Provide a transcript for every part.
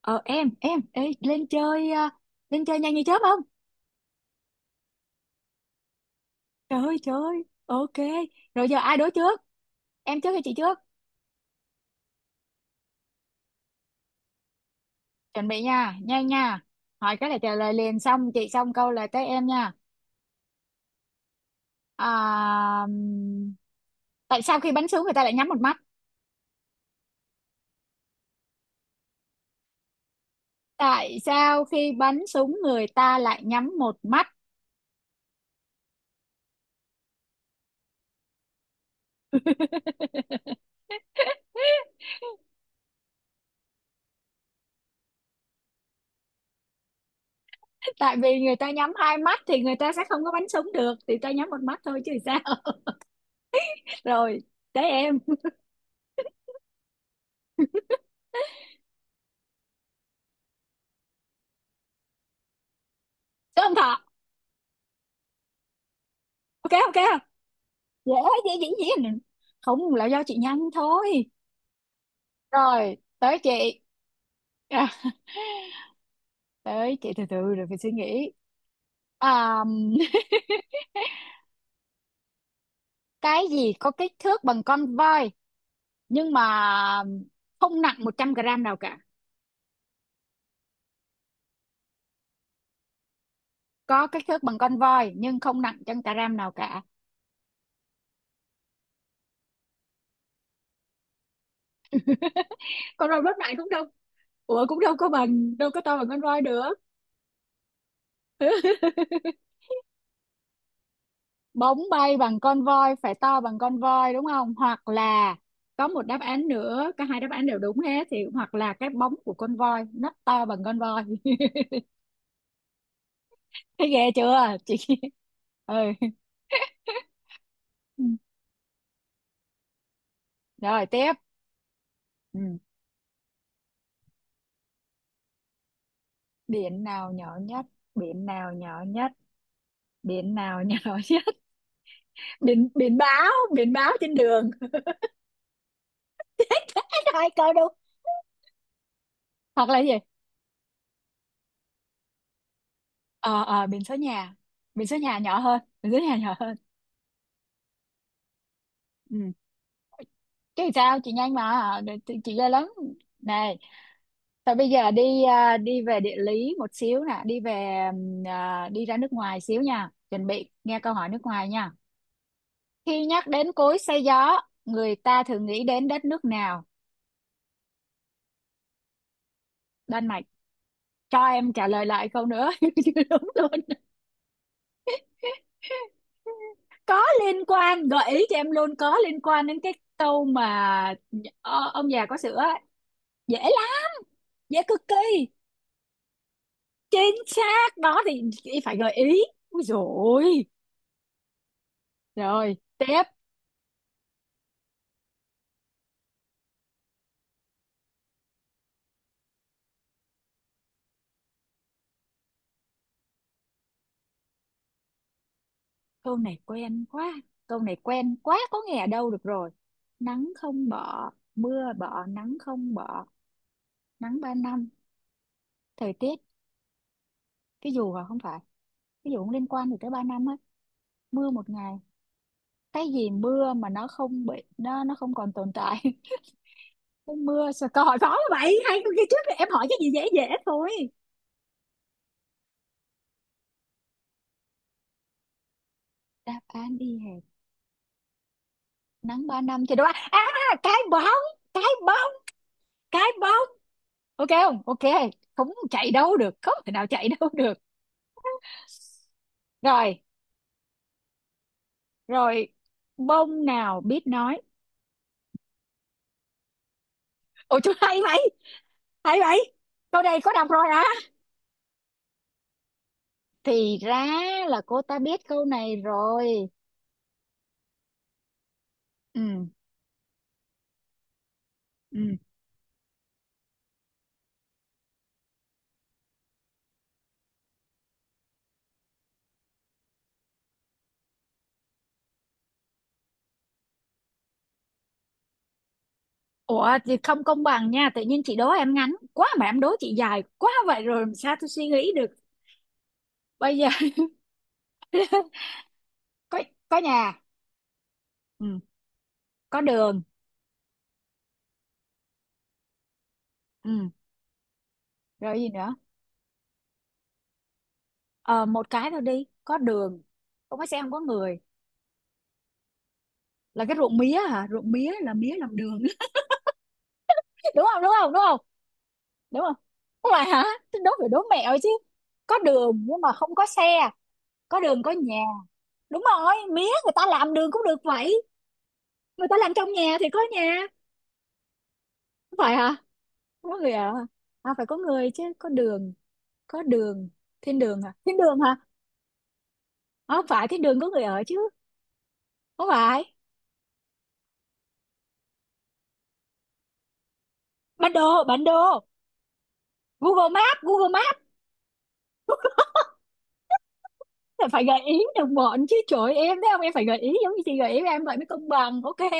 Ờ em ê, lên chơi à, lên chơi nhanh như chớp không? Trời ơi trời ơi, ok. Rồi giờ ai đố trước? Em trước hay chị trước? Chuẩn bị nha, nhanh nha, hỏi cái là trả lời liền, xong chị xong câu là tới em nha. à, ừm, Tại sao khi bắn súng người ta lại nhắm một mắt? Tại sao khi bắn súng người ta lại nhắm một mắt? Tại vì người ta nhắm hai mắt thì người ta sẽ không có bắn súng được, thì ta nhắm một mắt thôi chứ sao. Rồi, tới em. Tới ông thọ. Ok ok, dễ, dễ dĩ nhiên, không là do chị nhanh thôi. Rồi tới chị. à, Tới chị từ từ rồi phải suy nghĩ. à, cái gì có kích thước bằng con voi nhưng mà không nặng 100 g nào cả? Có kích thước bằng con voi nhưng không nặng trăm gram nào cả. Con voi rất nặng cũng đâu, ủa cũng đâu có bằng, đâu có to bằng con voi được. Bóng bay bằng con voi phải to bằng con voi đúng không, hoặc là có một đáp án nữa, cả hai đáp án đều đúng hết thì, hoặc là cái bóng của con voi nó to bằng con voi. Thấy ghê chưa chị? Ừ. Ừ. Rồi tiếp. Ừ. Biển nào nhỏ nhất? Biển nào nhỏ nhất? Biển nào nhỏ nhất? biển Biển báo, biển báo trên đường. Hai câu đúng. Hoặc là gì? Ờ, biển số nhà, biển số nhà nhỏ hơn, biển số nhà nhỏ hơn. Ừ. Chứ sao, chị nhanh mà chị ghê lắm này. Thôi bây giờ đi à, đi về địa lý một xíu nè, đi về đi ra nước ngoài xíu nha, chuẩn bị nghe câu hỏi nước ngoài nha. Khi nhắc đến cối xay gió người ta thường nghĩ đến đất nước nào? Đan Mạch. Cho em trả lời lại câu nữa. Chứ đúng luôn. Có liên quan, gợi ý cho em luôn, có liên quan đến cái câu mà ông già có sữa ấy. Dễ lắm, dễ cực kỳ. Chính xác đó, thì chị phải gợi ý. Ui rồi. Rồi tiếp. Câu này quen quá, câu này quen quá, có nghe ở đâu được rồi. Nắng không bỏ, mưa bỏ, nắng không bỏ. Nắng 3 năm. Thời tiết. Cái dù hả? Không phải, cái dù cũng liên quan gì tới 3 năm á. Mưa một ngày. Cái gì mưa mà nó không bị, nó không còn tồn tại. Cái mưa sao câu hỏi khó vậy, hai câu kia trước em hỏi cái gì dễ dễ thôi. Đáp án y hệt. Nắng ba năm thì đúng, cái bóng, cái bóng, cái bóp. Ok không, ok không chạy đâu được, không thể nào chạy đâu được. Rồi. Rồi. Bông nào biết nói? Ôi chú hay vậy, hay vậy. Câu này có đọc rồi hả? Thì ra là cô ta biết câu này rồi. Ừ. Ừ. Ủa thì không công bằng nha, tự nhiên chị đố em ngắn quá mà em đố chị dài quá, vậy rồi làm sao tôi suy nghĩ được. Bây giờ. có có nhà. Ừ, có đường. Ừ, rồi gì nữa? Ờ Một cái thôi đi, có đường, không có xe, không có người. Là cái ruộng mía hả? Ruộng mía là mía làm đường. Đúng không, đúng không, đúng không? Đúng không? Không phải hả? Thế đố phải đố mẹo chứ. Có đường nhưng mà không có xe, có đường có nhà. Đúng rồi, mía người ta làm đường cũng được vậy, người ta làm trong nhà thì có nhà. Không phải hả? Không có người à? À, phải có người chứ. Có đường, có đường, thiên đường hả, thiên đường hả? Không phải, thiên đường có người ở chứ. Không phải, bản đồ, bản đồ, Google Maps, Google Maps. Là phải gợi ý được bọn chứ, trời ơi, em thấy không, em phải gợi ý giống như chị gợi ý em vậy mới công bằng. Ok.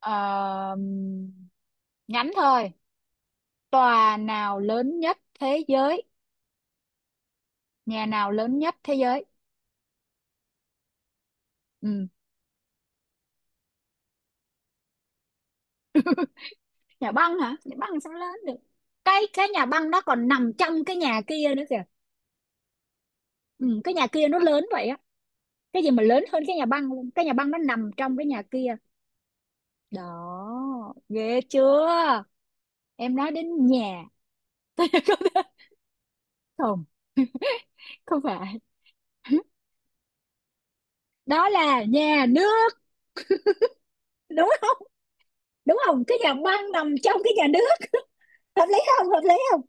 Ờ, ngắn thôi. Tòa nào lớn nhất thế giới? Nhà nào lớn nhất thế giới? Ừ. Nhà băng hả? Nhà băng sao lớn được, cái nhà băng nó còn nằm trong cái nhà kia nữa kìa. Ừ. Cái nhà kia nó lớn vậy á, cái gì mà lớn hơn cái nhà băng luôn, cái nhà băng nó nằm trong cái nhà kia. Đó. Ghê chưa. Em nói đến nhà. Không, không phải. Đó là nhà nước. Đúng không, đúng không, cái nhà băng nằm trong cái nhà nước. Hợp lý không, hợp lý không?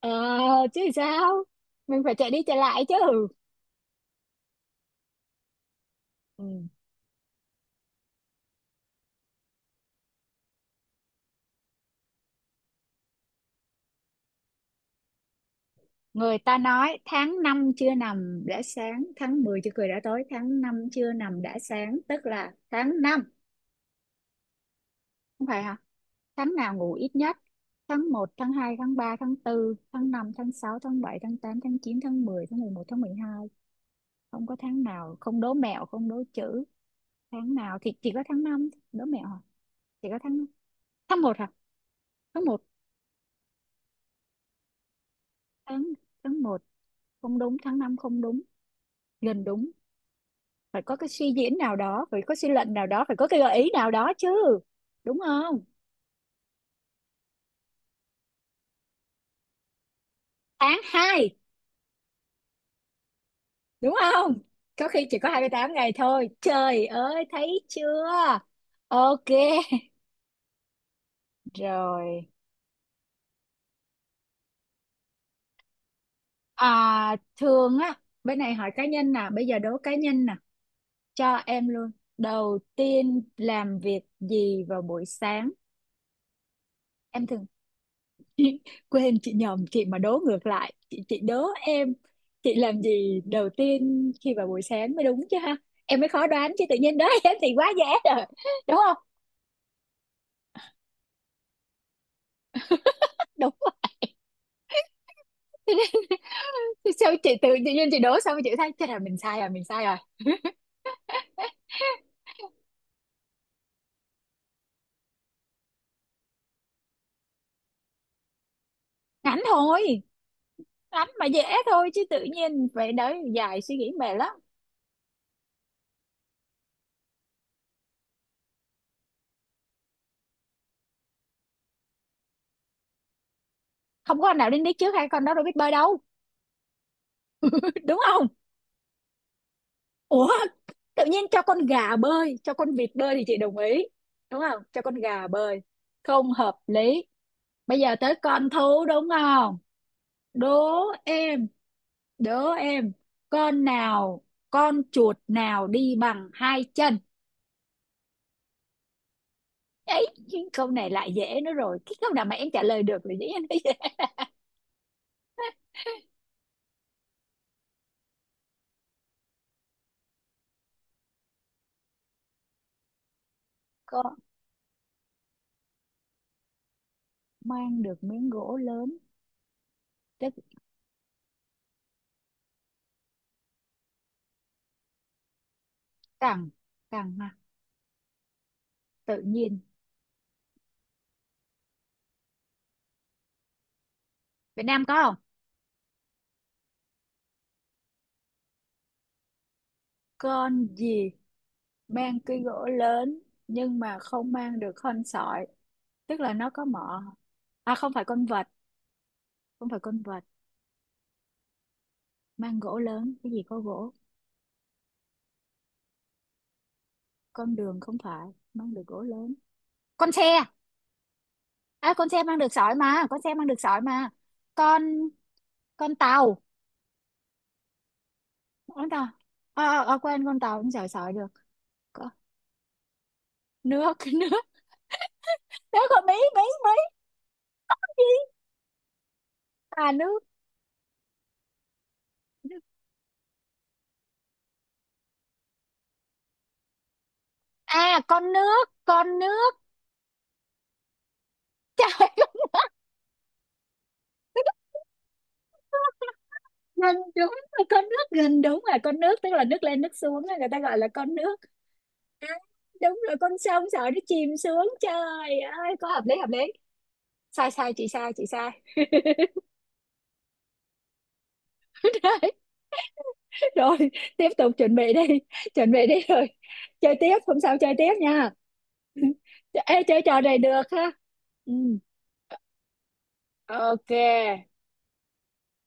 Ờ chứ sao. Mình phải chạy đi chạy lại chứ. Ừ. Người ta nói tháng 5 chưa nằm đã sáng, tháng 10 chưa cười đã tối. Tháng 5 chưa nằm đã sáng, tức là tháng năm. Không phải hả? Tháng nào ngủ ít nhất? Tháng một, tháng hai, tháng ba, tháng tư, tháng năm, tháng sáu, tháng bảy, tháng tám, tháng chín, tháng mười, tháng mười một, tháng mười hai. Không có tháng nào, không đố mẹo, không đố chữ. Tháng nào thì chỉ có tháng năm, đố mẹo hả? Chỉ có tháng, tháng một hả? Tháng một, tháng, tháng một. Không đúng, tháng 5 không đúng. Gần đúng, phải có cái suy diễn nào đó, phải có suy luận nào đó, phải có cái gợi ý nào đó chứ. Đúng không? Tháng hai, đúng không? Có khi chỉ có 28 ngày thôi, trời ơi, thấy chưa. Ok. Rồi. Thường á, bên này hỏi cá nhân nè, bây giờ đố cá nhân nè, cho em luôn. Đầu tiên làm việc gì vào buổi sáng? Em thường. Quên, chị nhầm, chị mà đố ngược lại, chị đố em. Chị làm gì đầu tiên khi vào buổi sáng mới đúng chứ ha. Em mới khó đoán chứ tự nhiên đố em thì quá dễ. Rồi, đúng không? Đúng. Thế nên sao chị tự, tự nhiên chị đố xong chị thấy chắc là mình sai rồi, mình sai rồi. Ngắn thôi, ngắn mà dễ thôi chứ, tự nhiên vậy đấy, dài suy nghĩ mệt lắm. Không có anh nào đến đích trước, hai con đó đâu biết bơi đâu. Đúng không? Ủa, tự nhiên cho con gà bơi, cho con vịt bơi thì chị đồng ý, đúng không? Cho con gà bơi, không hợp lý. Bây giờ tới con thú đúng không? Đố em, đố em, con nào, con chuột nào đi bằng hai chân? Ấy, câu này lại dễ nữa rồi. Cái câu nào mà em trả lời được là dĩ nhiên dễ. Có, mang được miếng gỗ lớn, tức cẳng, cẳng, tự nhiên. Việt Nam có không? Con gì mang cái gỗ lớn nhưng mà không mang được con sỏi, tức là nó có mỏ. À, không phải con vật, không phải con vật. Mang gỗ lớn, cái gì có gỗ? Con đường, không phải. Mang được gỗ lớn, con xe, con xe mang được sỏi mà, con xe mang được sỏi mà. con con tàu, con tàu. Quên, con tàu không sỏi sỏi được. Có, nước, nước, nước của mỹ, mỹ mỹ. Nước. À, con nước, con nước. Trời. Nên đúng là con nước, gần đúng là con nước, tức là nước lên nước xuống á, người ta gọi là con nước. Đúng rồi, con sông sợ nó chìm xuống trời ơi, có hợp lý, hợp lý. Sai sai, chị sai, chị sai. Đấy. Rồi tiếp tục, chuẩn bị đi, chuẩn bị đi rồi, chơi tiếp, hôm sau chơi tiếp nha. Ê, chơi trò này được ha. Ừ. Ok,